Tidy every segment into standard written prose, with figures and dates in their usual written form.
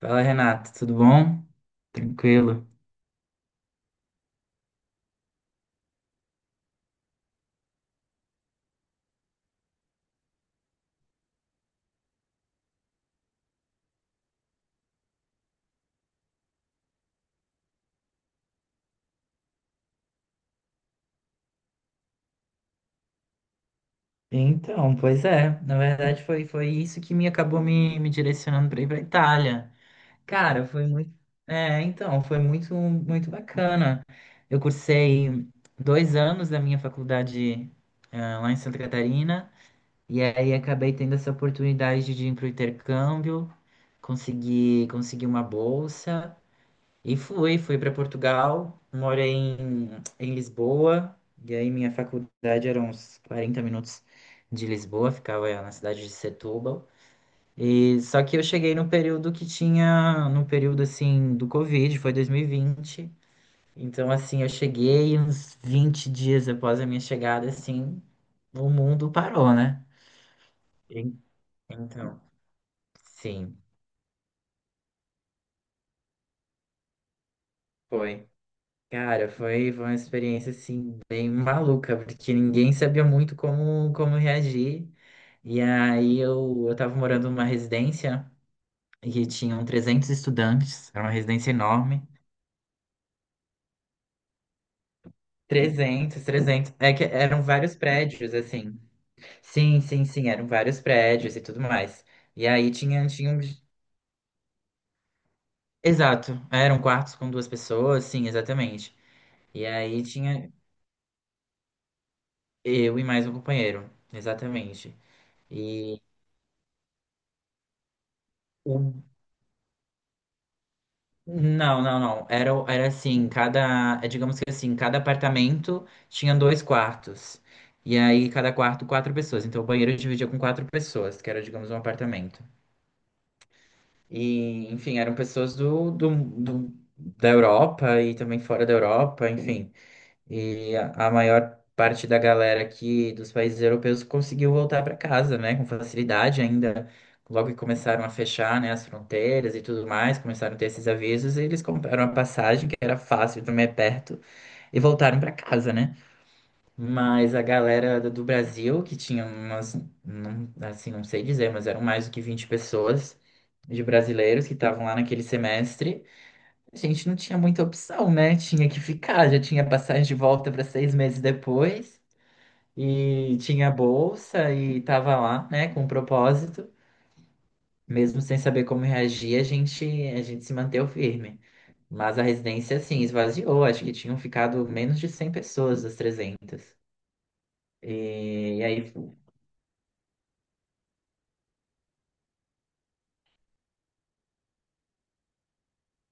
Fala, Renato, tudo bom? Tranquilo. Na verdade foi isso que me acabou me direcionando para ir para Itália. Cara, foi muito, é, então, foi muito muito bacana. Eu cursei 2 anos da minha faculdade lá em Santa Catarina, e aí acabei tendo essa oportunidade de ir para o intercâmbio, consegui uma bolsa. E fui para Portugal, moro em Lisboa, e aí minha faculdade era uns 40 minutos de Lisboa, ficava na cidade de Setúbal. E só que eu cheguei no período que tinha, no período assim do Covid, foi 2020. Então assim, eu cheguei uns 20 dias após a minha chegada, assim, o mundo parou, né? En- Então, sim, foi. Cara, foi uma experiência assim bem maluca, porque ninguém sabia muito como reagir. E aí eu tava morando numa residência e tinham 300 estudantes, era uma residência enorme. Trezentos é que eram vários prédios assim. Sim, sim, sim, eram vários prédios e tudo mais. E aí tinha um. Exato, eram quartos com duas pessoas, sim, exatamente. E aí tinha eu e mais um companheiro, exatamente. E o Não, não, não. Era assim, cada, é, digamos que assim, cada apartamento tinha dois quartos. E aí, cada quarto, quatro pessoas. Então, o banheiro dividia com quatro pessoas, que era, digamos, um apartamento. E, enfim, eram pessoas da Europa e também fora da Europa, enfim. E a maior parte da galera aqui dos países europeus conseguiu voltar para casa, né, com facilidade ainda. Logo que começaram a fechar, né, as fronteiras e tudo mais, começaram a ter esses avisos, e eles compraram a passagem, que era fácil, também é perto, e voltaram para casa, né? Mas a galera do Brasil, que tinha umas, não, assim, não sei dizer, mas eram mais do que 20 pessoas de brasileiros que estavam lá naquele semestre, a gente não tinha muita opção, né? Tinha que ficar, já tinha passagem de volta para 6 meses depois, e tinha bolsa e tava lá, né, com propósito. Mesmo sem saber como reagir, a gente se manteve firme. Mas a residência, assim, esvaziou. Acho que tinham ficado menos de 100 pessoas das 300. E aí,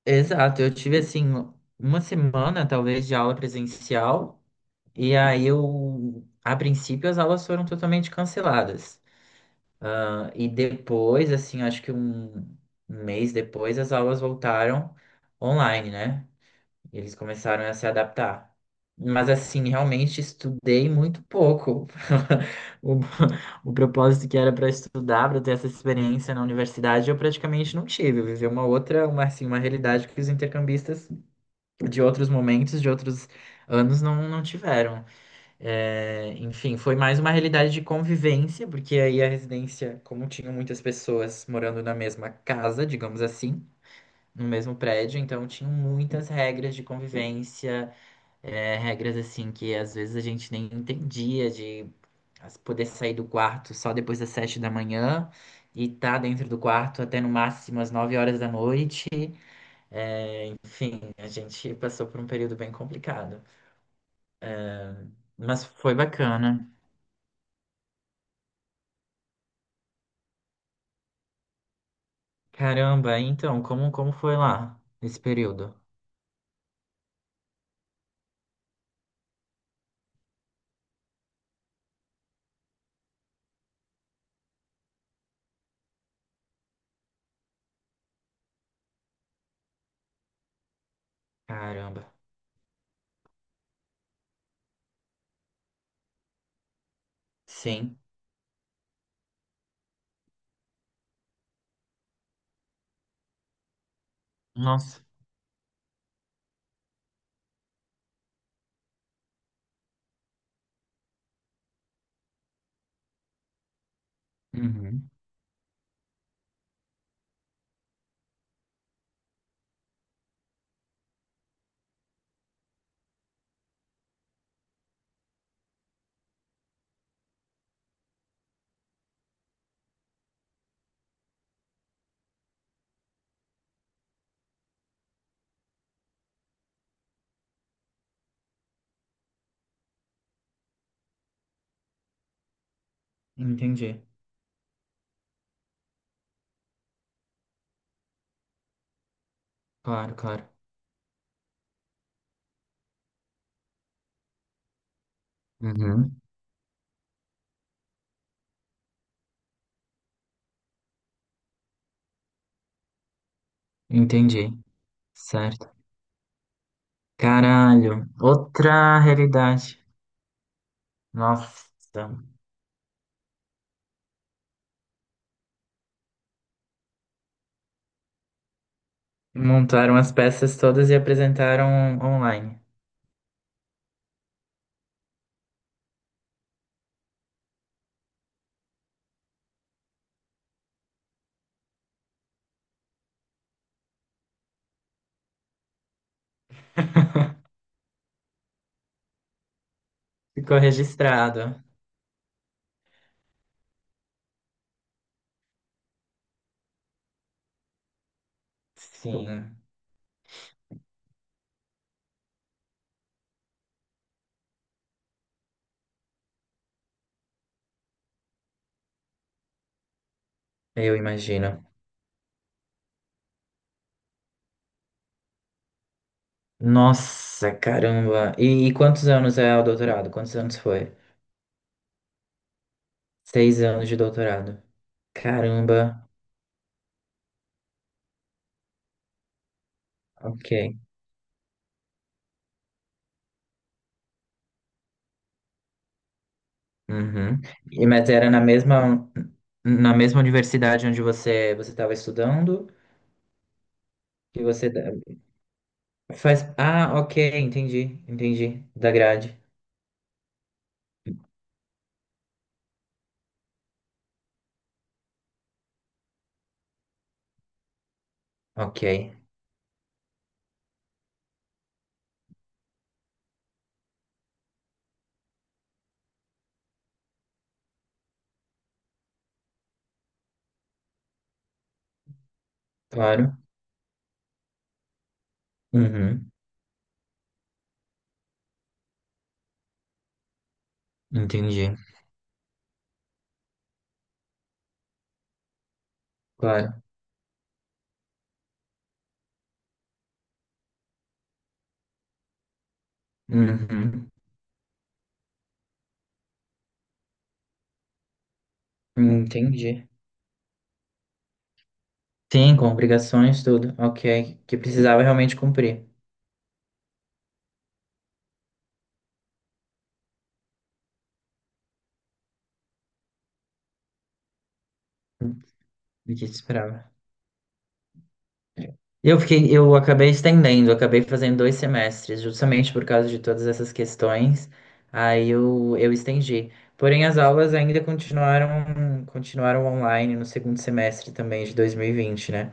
exato, eu tive, assim, uma semana, talvez, de aula presencial. E aí a princípio, as aulas foram totalmente canceladas. E depois, assim, acho que um mês depois, as aulas voltaram online, né? E eles começaram a se adaptar. Mas, assim, realmente estudei muito pouco. O, o propósito que era para estudar, para ter essa experiência na universidade, eu praticamente não tive. Eu vivi uma outra, uma, assim, uma realidade que os intercambistas de outros momentos, de outros anos, não tiveram. É, enfim, foi mais uma realidade de convivência, porque aí a residência, como tinham muitas pessoas morando na mesma casa, digamos assim, no mesmo prédio, então tinham muitas regras de convivência, é, regras assim que às vezes a gente nem entendia de poder sair do quarto só depois das 7 da manhã e estar dentro do quarto até no máximo às 9 horas da noite. Enfim, a gente passou por um período bem complicado, mas foi bacana. Caramba, então, como foi lá esse período? Caramba. Sim. Nossa. Uhum. Entendi. Claro, claro. Uhum. Entendi. Certo. Caralho. Outra realidade. Nossa. Montaram as peças todas e apresentaram online. Ficou registrado. Sim, eu imagino. Nossa, caramba. E quantos anos é o doutorado? Quantos anos foi? 6 anos de doutorado. Caramba. Ok. Uhum. E mas era na mesma universidade onde você estava estudando que você faz Ah, ok, entendi, entendi da grade. Ok, claro. Uhum. Entendi, claro. Uhum. Entendi. Sim, com obrigações, tudo. Ok, que precisava realmente cumprir. E que te esperava. Eu fiquei, eu acabei estendendo, eu acabei fazendo 2 semestres, justamente por causa de todas essas questões. Aí eu estendi. Porém, as aulas ainda continuaram online no segundo semestre também de 2020, né?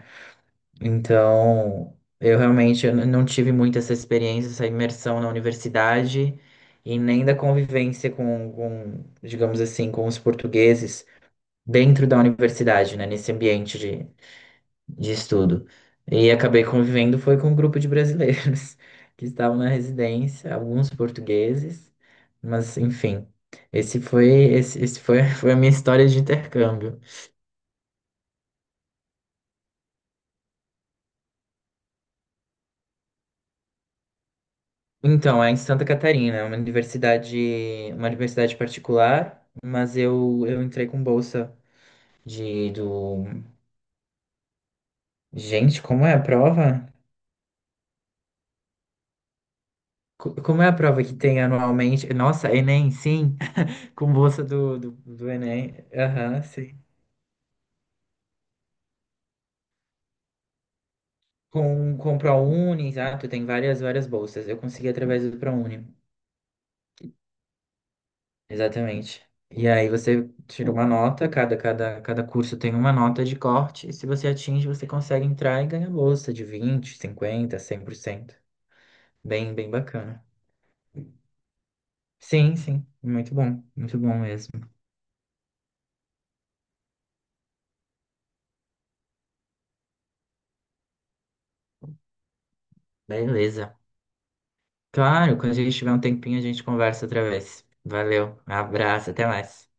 Então, eu realmente não tive muito essa experiência, essa imersão na universidade e nem da convivência com, digamos assim, com os portugueses dentro da universidade, né? Nesse ambiente de estudo. E acabei convivendo foi com um grupo de brasileiros que estavam na residência, alguns portugueses, mas enfim, esse foi esse, esse foi, foi a minha história de intercâmbio. Então, é em Santa Catarina, é uma universidade particular, mas eu entrei com bolsa de do Gente, como é a prova? Como é a prova que tem anualmente? Nossa, Enem, sim, com bolsa do Enem. Aham, sim. Com o ProUni, exato, tem várias bolsas. Eu consegui através do ProUni, exatamente. E aí você tira uma nota, cada curso tem uma nota de corte, e se você atinge, você consegue entrar e ganhar bolsa de 20%, 50%, 100%. Bem, bem bacana. Sim, sim, muito bom mesmo. Beleza. Claro, quando a gente tiver um tempinho, a gente conversa outra vez. Valeu, abraço, até mais.